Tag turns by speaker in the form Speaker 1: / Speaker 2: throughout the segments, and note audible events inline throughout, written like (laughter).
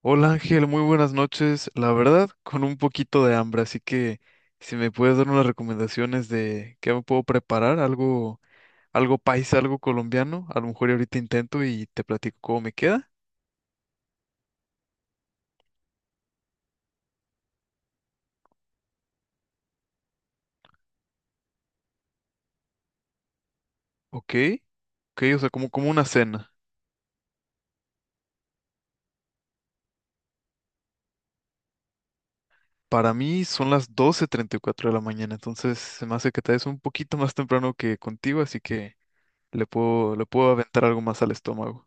Speaker 1: Hola Ángel, muy buenas noches. La verdad, con un poquito de hambre, así que si me puedes dar unas recomendaciones de qué me puedo preparar, algo paisa, algo colombiano, a lo mejor y ahorita intento y te platico cómo me queda. Ok, ok, o sea, como una cena. Para mí son las 12:34 de la mañana, entonces se me hace que te des un poquito más temprano que contigo, así que le puedo aventar algo más al estómago.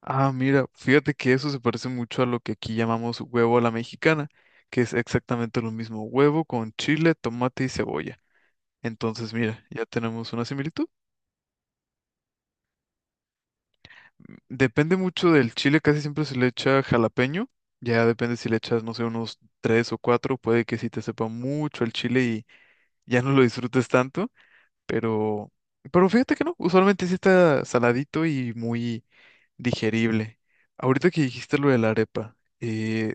Speaker 1: Ah, mira, fíjate que eso se parece mucho a lo que aquí llamamos huevo a la mexicana, que es exactamente lo mismo, huevo con chile, tomate y cebolla. Entonces, mira, ya tenemos una similitud. Depende mucho del chile, casi siempre se le echa jalapeño, ya depende si le echas, no sé, unos tres o cuatro, puede que sí te sepa mucho el chile y ya no lo disfrutes tanto, pero, pero fíjate que no, usualmente sí está saladito y muy digerible. Ahorita que dijiste lo de la arepa.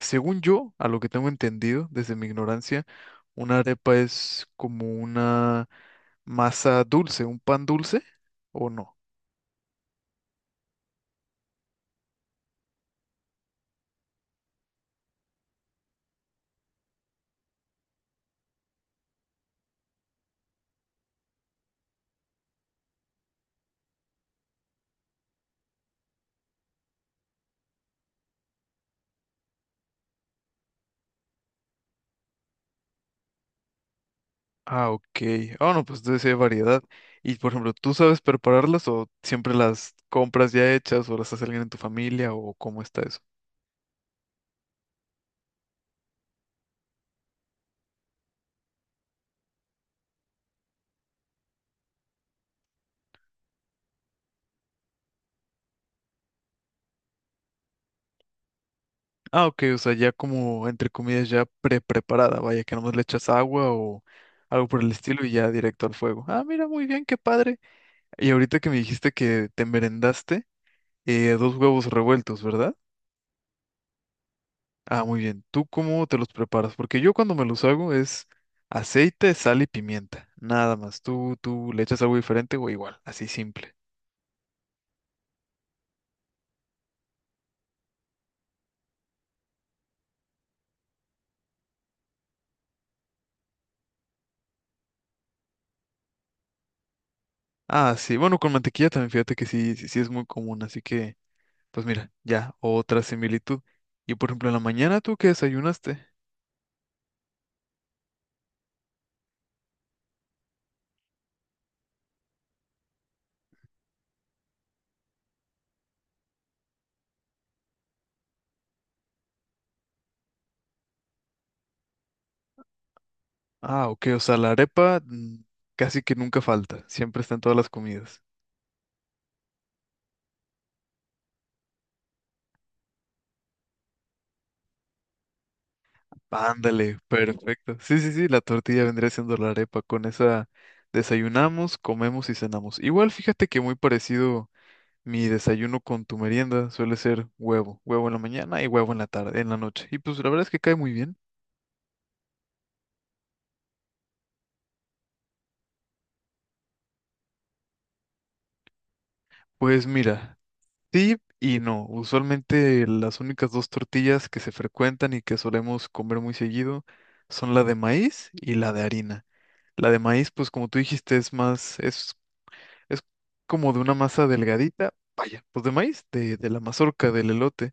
Speaker 1: Según yo, a lo que tengo entendido desde mi ignorancia, una arepa es como una masa dulce, un pan dulce, ¿o no? Ah, ok. Ah, no, pues entonces sí hay variedad. Y por ejemplo, ¿tú sabes prepararlas o siempre las compras ya hechas o las hace alguien en tu familia o cómo está eso? Ah, ok, o sea, ya como entre comillas ya pre-preparada, vaya, que nomás le echas agua o algo por el estilo y ya directo al fuego. Ah, mira, muy bien, qué padre. Y ahorita que me dijiste que te merendaste. Dos huevos revueltos, ¿verdad? Ah, muy bien. ¿Tú cómo te los preparas? Porque yo cuando me los hago es aceite, sal y pimienta. Nada más. ¿Tú le echas algo diferente o igual? Así simple. Ah, sí. Bueno, con mantequilla también, fíjate que sí, sí, sí es muy común. Así que, pues mira, ya, otra similitud. Y por ejemplo, en la mañana, ¿tú qué desayunaste? Ah, ok. O sea, la arepa casi que nunca falta. Siempre está en todas las comidas. Ándale, perfecto. Sí, sí, sí, la tortilla vendría siendo la arepa. Con esa desayunamos, comemos y cenamos. Igual, fíjate que muy parecido mi desayuno con tu merienda suele ser huevo, huevo en la mañana y huevo en la tarde, en la noche. Y pues la verdad es que cae muy bien. Pues mira, sí y no. Usualmente las únicas dos tortillas que se frecuentan y que solemos comer muy seguido son la de maíz y la de harina. La de maíz, pues como tú dijiste, es más, es. Es como de una masa delgadita, vaya, pues de maíz, de la mazorca, del elote.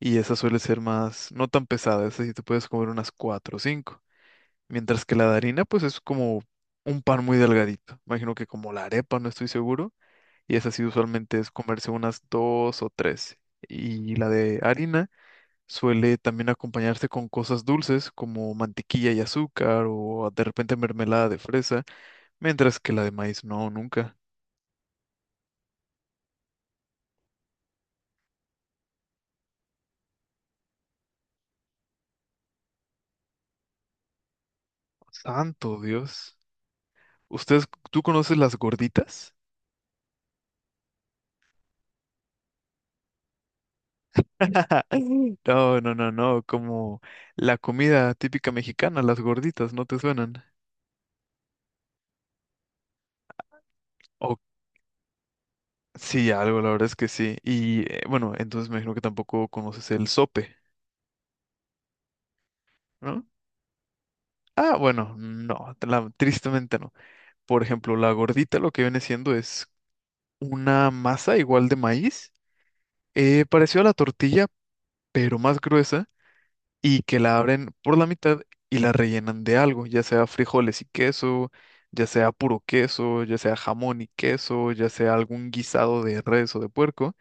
Speaker 1: Y esa suele ser más, no tan pesada, esa sí te puedes comer unas cuatro o cinco. Mientras que la de harina, pues es como un pan muy delgadito. Imagino que como la arepa, no estoy seguro. Y esa sí usualmente es comerse unas dos o tres. Y la de harina suele también acompañarse con cosas dulces como mantequilla y azúcar o de repente mermelada de fresa, mientras que la de maíz no, nunca. Santo Dios. ¿Ustedes, tú conoces las gorditas? (laughs) No, no, no, no, como la comida típica mexicana, las gorditas, ¿no te suenan? O sí, algo, la verdad es que sí. Y bueno, entonces me imagino que tampoco conoces el sope, ¿no? Ah, bueno, no, tristemente no. Por ejemplo, la gordita lo que viene siendo es una masa igual de maíz, parecido a la tortilla, pero más gruesa. Y que la abren por la mitad y la rellenan de algo, ya sea frijoles y queso, ya sea puro queso, ya sea jamón y queso, ya sea algún guisado de res o de puerco,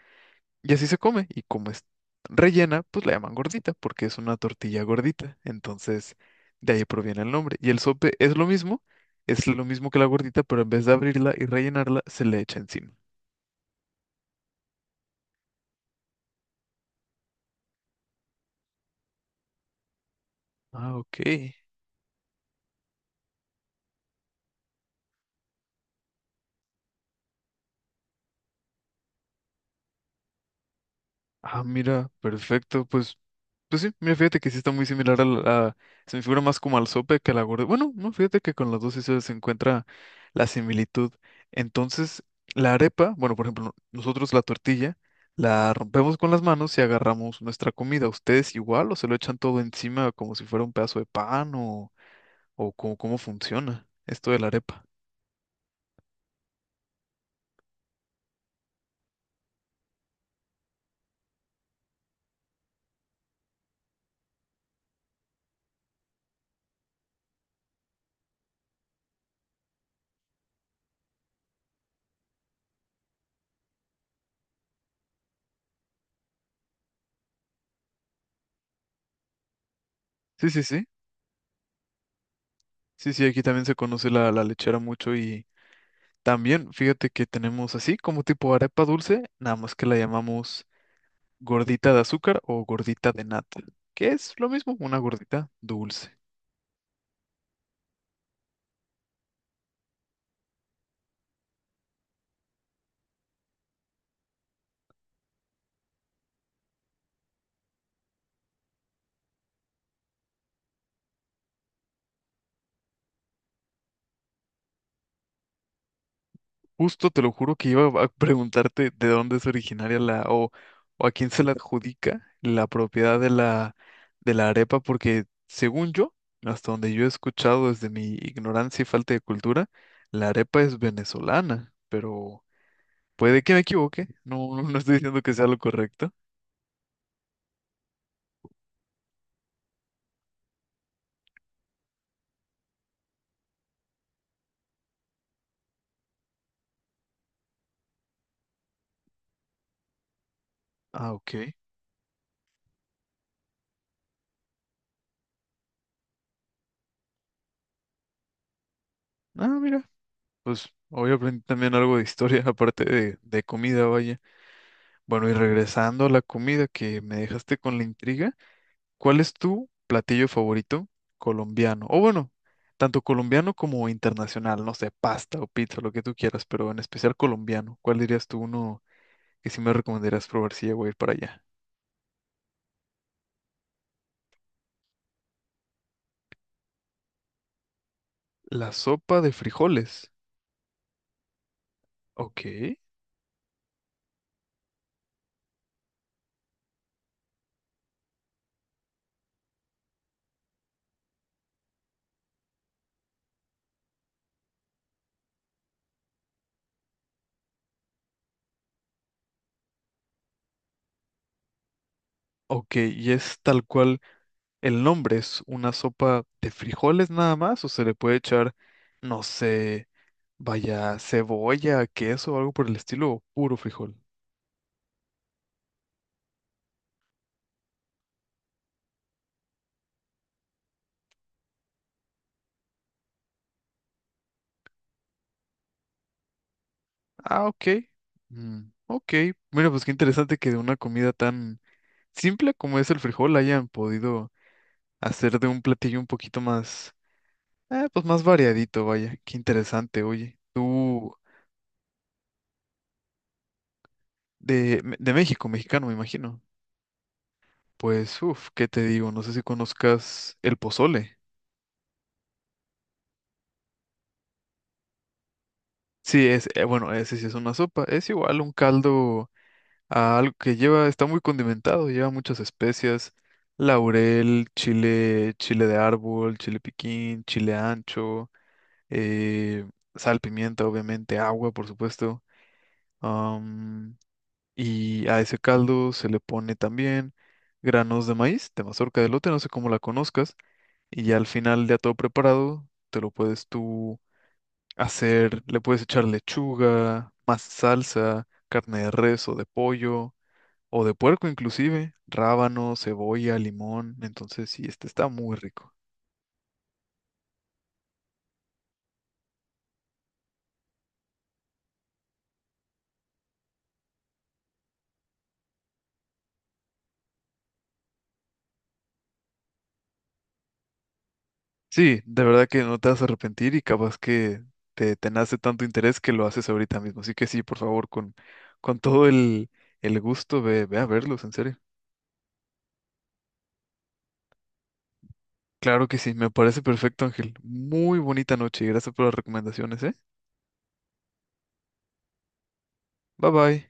Speaker 1: y así se come. Y como es rellena, pues la llaman gordita, porque es una tortilla gordita. Entonces, de ahí proviene el nombre. Y el sope es lo mismo que la gordita, pero en vez de abrirla y rellenarla, se le echa encima. Ah, ok. Ah, mira, perfecto. Pues sí, mira, fíjate que sí está muy similar. Se me figura más como al sope que a la gorda. Bueno, no, fíjate que con las dos sí se encuentra la similitud. Entonces, la arepa, bueno, por ejemplo, nosotros la tortilla la rompemos con las manos y agarramos nuestra comida. ¿Ustedes igual o se lo echan todo encima como si fuera un pedazo de pan o, cómo funciona esto de la arepa? Sí, sí, sí. Sí, sí, aquí también se conoce la lechera mucho y también fíjate que tenemos así como tipo arepa dulce, nada más que la llamamos ¿gordita de azúcar o gordita de nata? Que es lo mismo, una gordita dulce. Justo te lo juro que iba a preguntarte de dónde es originaria la o a quién se la adjudica la propiedad de la arepa, porque según yo, hasta donde yo he escuchado desde mi ignorancia y falta de cultura, la arepa es venezolana, pero puede que me equivoque. No, no no estoy diciendo que sea lo correcto. Ah, ok. Ah, mira, pues hoy aprendí también algo de historia, (laughs) aparte de comida, vaya. Bueno, y regresando a la comida que me dejaste con la intriga, ¿cuál es tu platillo favorito colombiano? O bueno, tanto colombiano como internacional, no sé, pasta o pizza, lo que tú quieras, pero en especial colombiano. ¿Cuál dirías tú uno que sí me recomendarías probar si llego a ir para allá? La sopa de frijoles. Ok, ok, y es tal cual el nombre, es una sopa de frijoles nada más, o se le puede echar, no sé, vaya, cebolla, queso o algo por el estilo, o puro frijol. Ah, ok. Mm, ok. Mira, pues qué interesante que de una comida tan simple como es el frijol hayan podido hacer de un platillo un poquito más, pues más variadito, vaya. Qué interesante, oye. Tú, de México, mexicano, me imagino. Pues, uff, ¿qué te digo? No sé si conozcas el pozole. Sí, es, bueno, ese sí es una sopa. Es igual un caldo. A algo que lleva, está muy condimentado, lleva muchas especias, laurel, chile, chile de árbol, chile piquín, chile ancho, eh, sal, pimienta, obviamente, agua, por supuesto. am, y a ese caldo se le pone también granos de maíz, de mazorca de lote, no sé cómo la conozcas, y ya al final ya todo preparado, te lo puedes tú hacer, le puedes echar lechuga, más salsa, carne de res o de pollo o de puerco inclusive, rábano, cebolla, limón. Entonces sí, este está muy rico. Sí, de verdad que no te vas a arrepentir y capaz que te nace tanto interés que lo haces ahorita mismo. Así que sí, por favor, con todo el gusto, ve, ve a verlos, en serio. Claro que sí, me parece perfecto, Ángel. Muy bonita noche y gracias por las recomendaciones, ¿eh? Bye bye.